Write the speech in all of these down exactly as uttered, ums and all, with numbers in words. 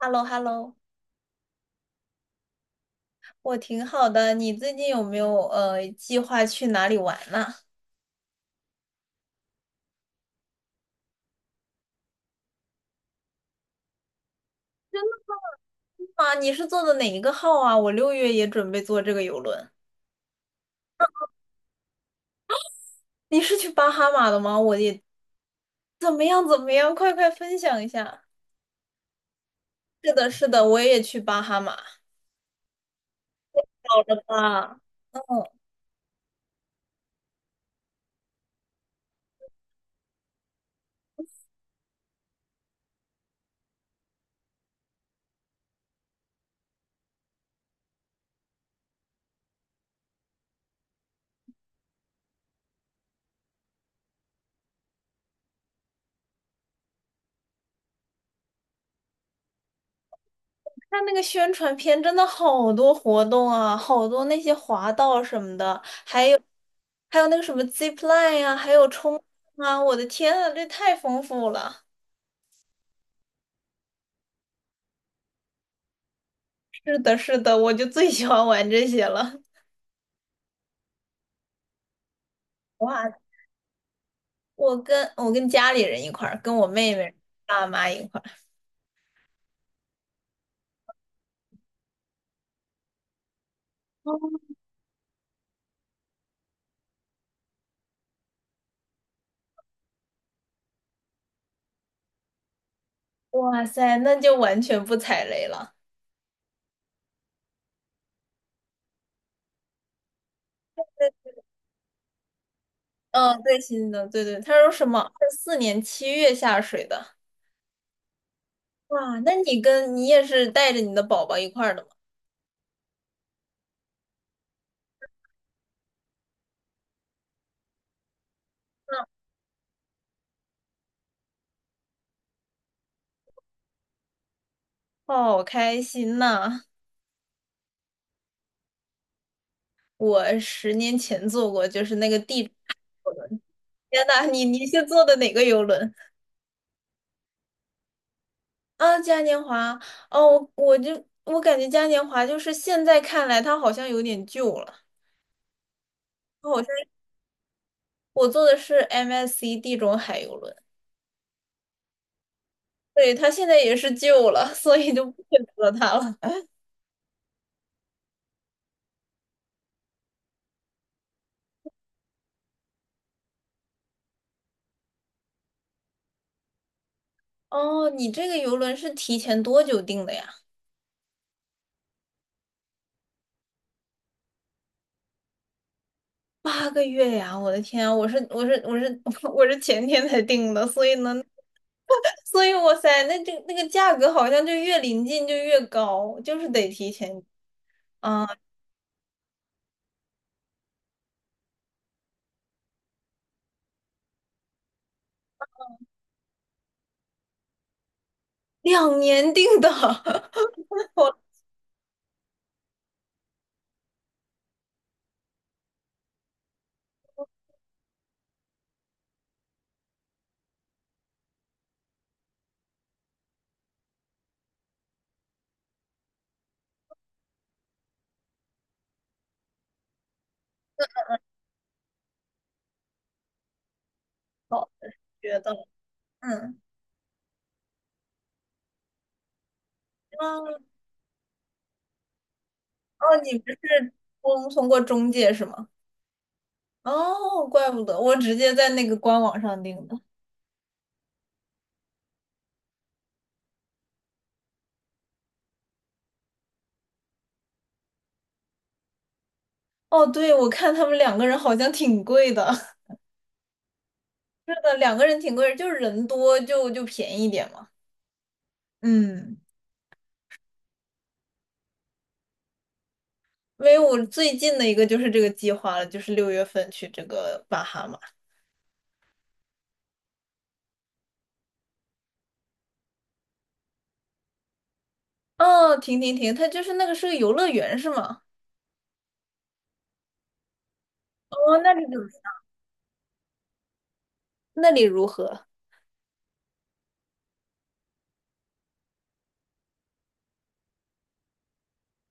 h e l l o h e l l o 我挺好的。你最近有没有呃计划去哪里玩呢？啊，你是坐的哪一个号啊？我六月也准备坐这个游轮。你是去巴哈马的吗？我也怎么样怎么样？快快分享一下。是的，是的，我也去巴哈马。好的吧？看那个宣传片，真的好多活动啊，好多那些滑道什么的，还有还有那个什么 zip line 呀，还有冲浪啊，我的天啊，这太丰富了。是的，是的，我就最喜欢玩这些了。哇，我跟我跟家里人一块儿，跟我妹妹、爸妈一块儿。哇塞，那就完全不踩雷了。嗯，最新的，对对，他说什么二四年七月下水的。哇，那你跟你也是带着你的宝宝一块儿的吗？嗯好开心呐！我十年前坐过，就是那个地质游轮，天呐，你你是坐的哪个游轮？啊，嘉年华，哦，我我就我感觉嘉年华就是现在看来它好像有点旧了，它好像我坐的是 M S C 地中海游轮，对，它现在也是旧了，所以就不选择它了。哦，你这个游轮是提前多久订的呀？八个月呀！我的天啊我是我是我是 我是前天才订的，所以呢，所以哇塞，那这那个价格好像就越临近就越高，就是得提前啊，两年订的，好觉得。嗯。哦哦，你们是通通过中介是吗？哦，怪不得我直接在那个官网上订的。哦，对，我看他们两个人好像挺贵的。是的，两个人挺贵的，就是人多就就便宜一点嘛。嗯，因为我最近的一个就是这个计划了，就是六月份去这个巴哈马。哦，停停停，它就是那个是个游乐园是吗？哦，那里怎么那里如何？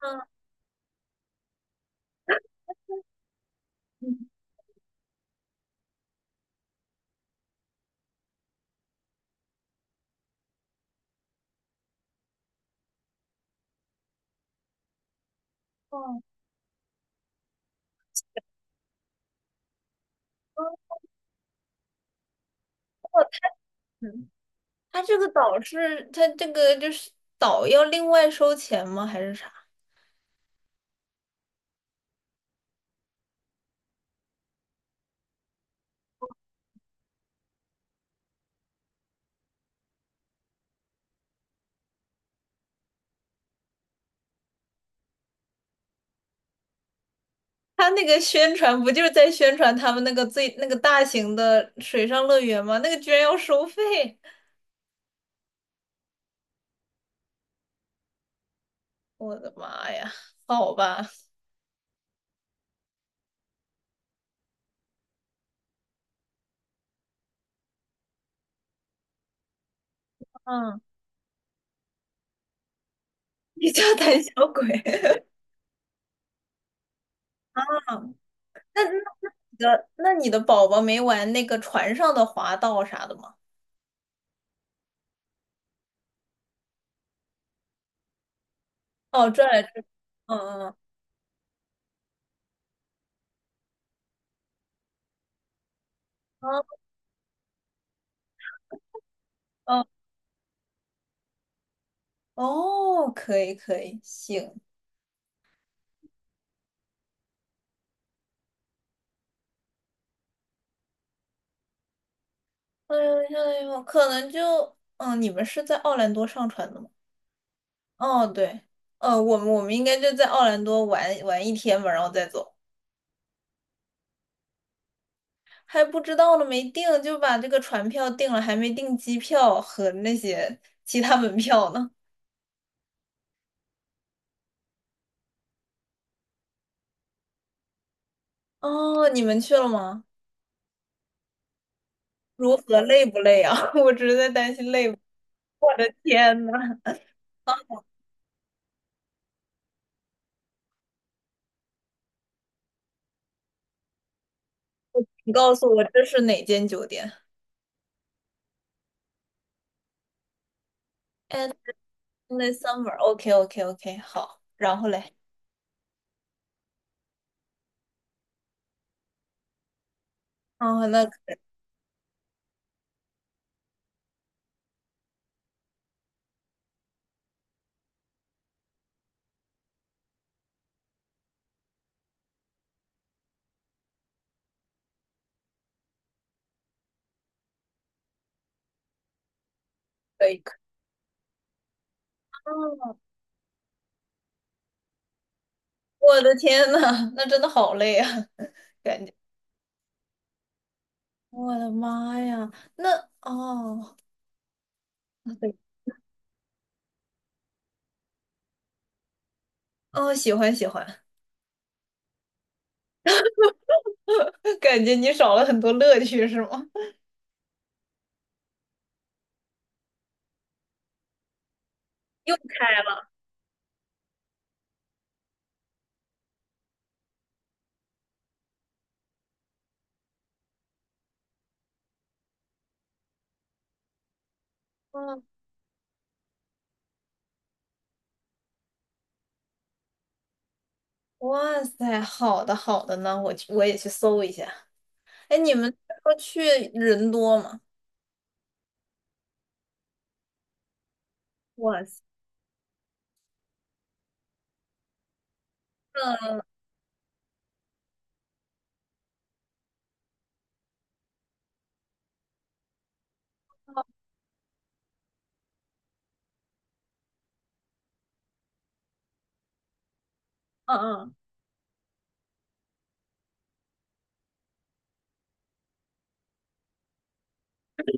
嗯嗯哦，嗯他这个岛是，他这个就是岛要另外收钱吗？还是啥？他那个宣传不就是在宣传他们那个最那个大型的水上乐园吗？那个居然要收费，我的妈呀！好吧，嗯，你叫胆小鬼。嗯你的那你的宝宝没玩那个船上的滑道啥的吗？哦，转来转，嗯嗯嗯嗯，哦，可以可以，行。哎呦，哎呦，可能就，嗯，你们是在奥兰多上船的吗？哦，对，呃，我们我们应该就在奥兰多玩玩一天吧，然后再走。还不知道呢，没定，就把这个船票定了，还没订机票和那些其他门票呢。哦，你们去了吗？如何累不累啊？我只是在担心累不。我的天呐，你告诉我这是哪间酒店？At the Summer。OK OK OK，好。然后嘞，哦，那可以。可以哦，我的天呐，那真的好累啊，感觉。我的妈呀，那哦，对，哦，喜欢喜欢，感觉你少了很多乐趣是吗？又开了。嗯哇塞，好的好的呢，我去我也去搜一下。哎，你们说去人多吗？哇塞，嗯嗯，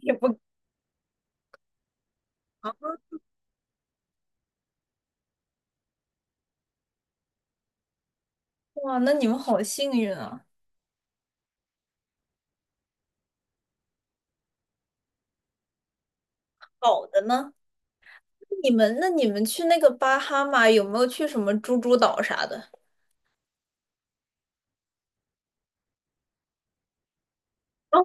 也不哇，那你们好幸运啊！好的呢，你们那你们去那个巴哈马有没有去什么猪猪岛啥的？哦，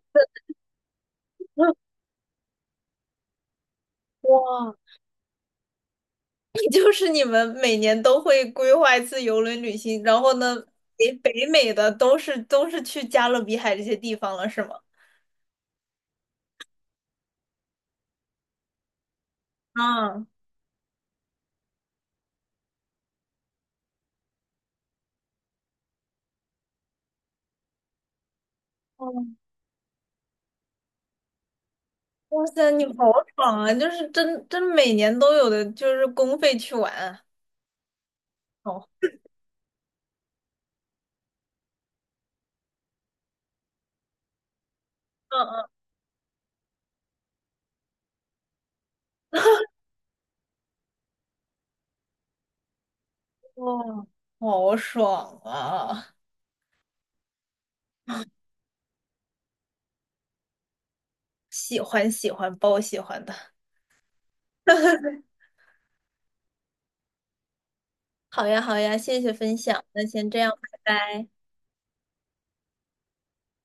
哇！就是你们每年都会规划一次游轮旅行，然后呢，北北美的都是都是去加勒比海这些地方了，是吗？啊，哦，哇塞，你好爽啊！就是真真每年都有的，就是公费去玩啊。哦，嗯嗯，哦，好爽啊！喜欢喜欢，包喜欢的。好呀好呀，谢谢分享，那先这样，拜拜。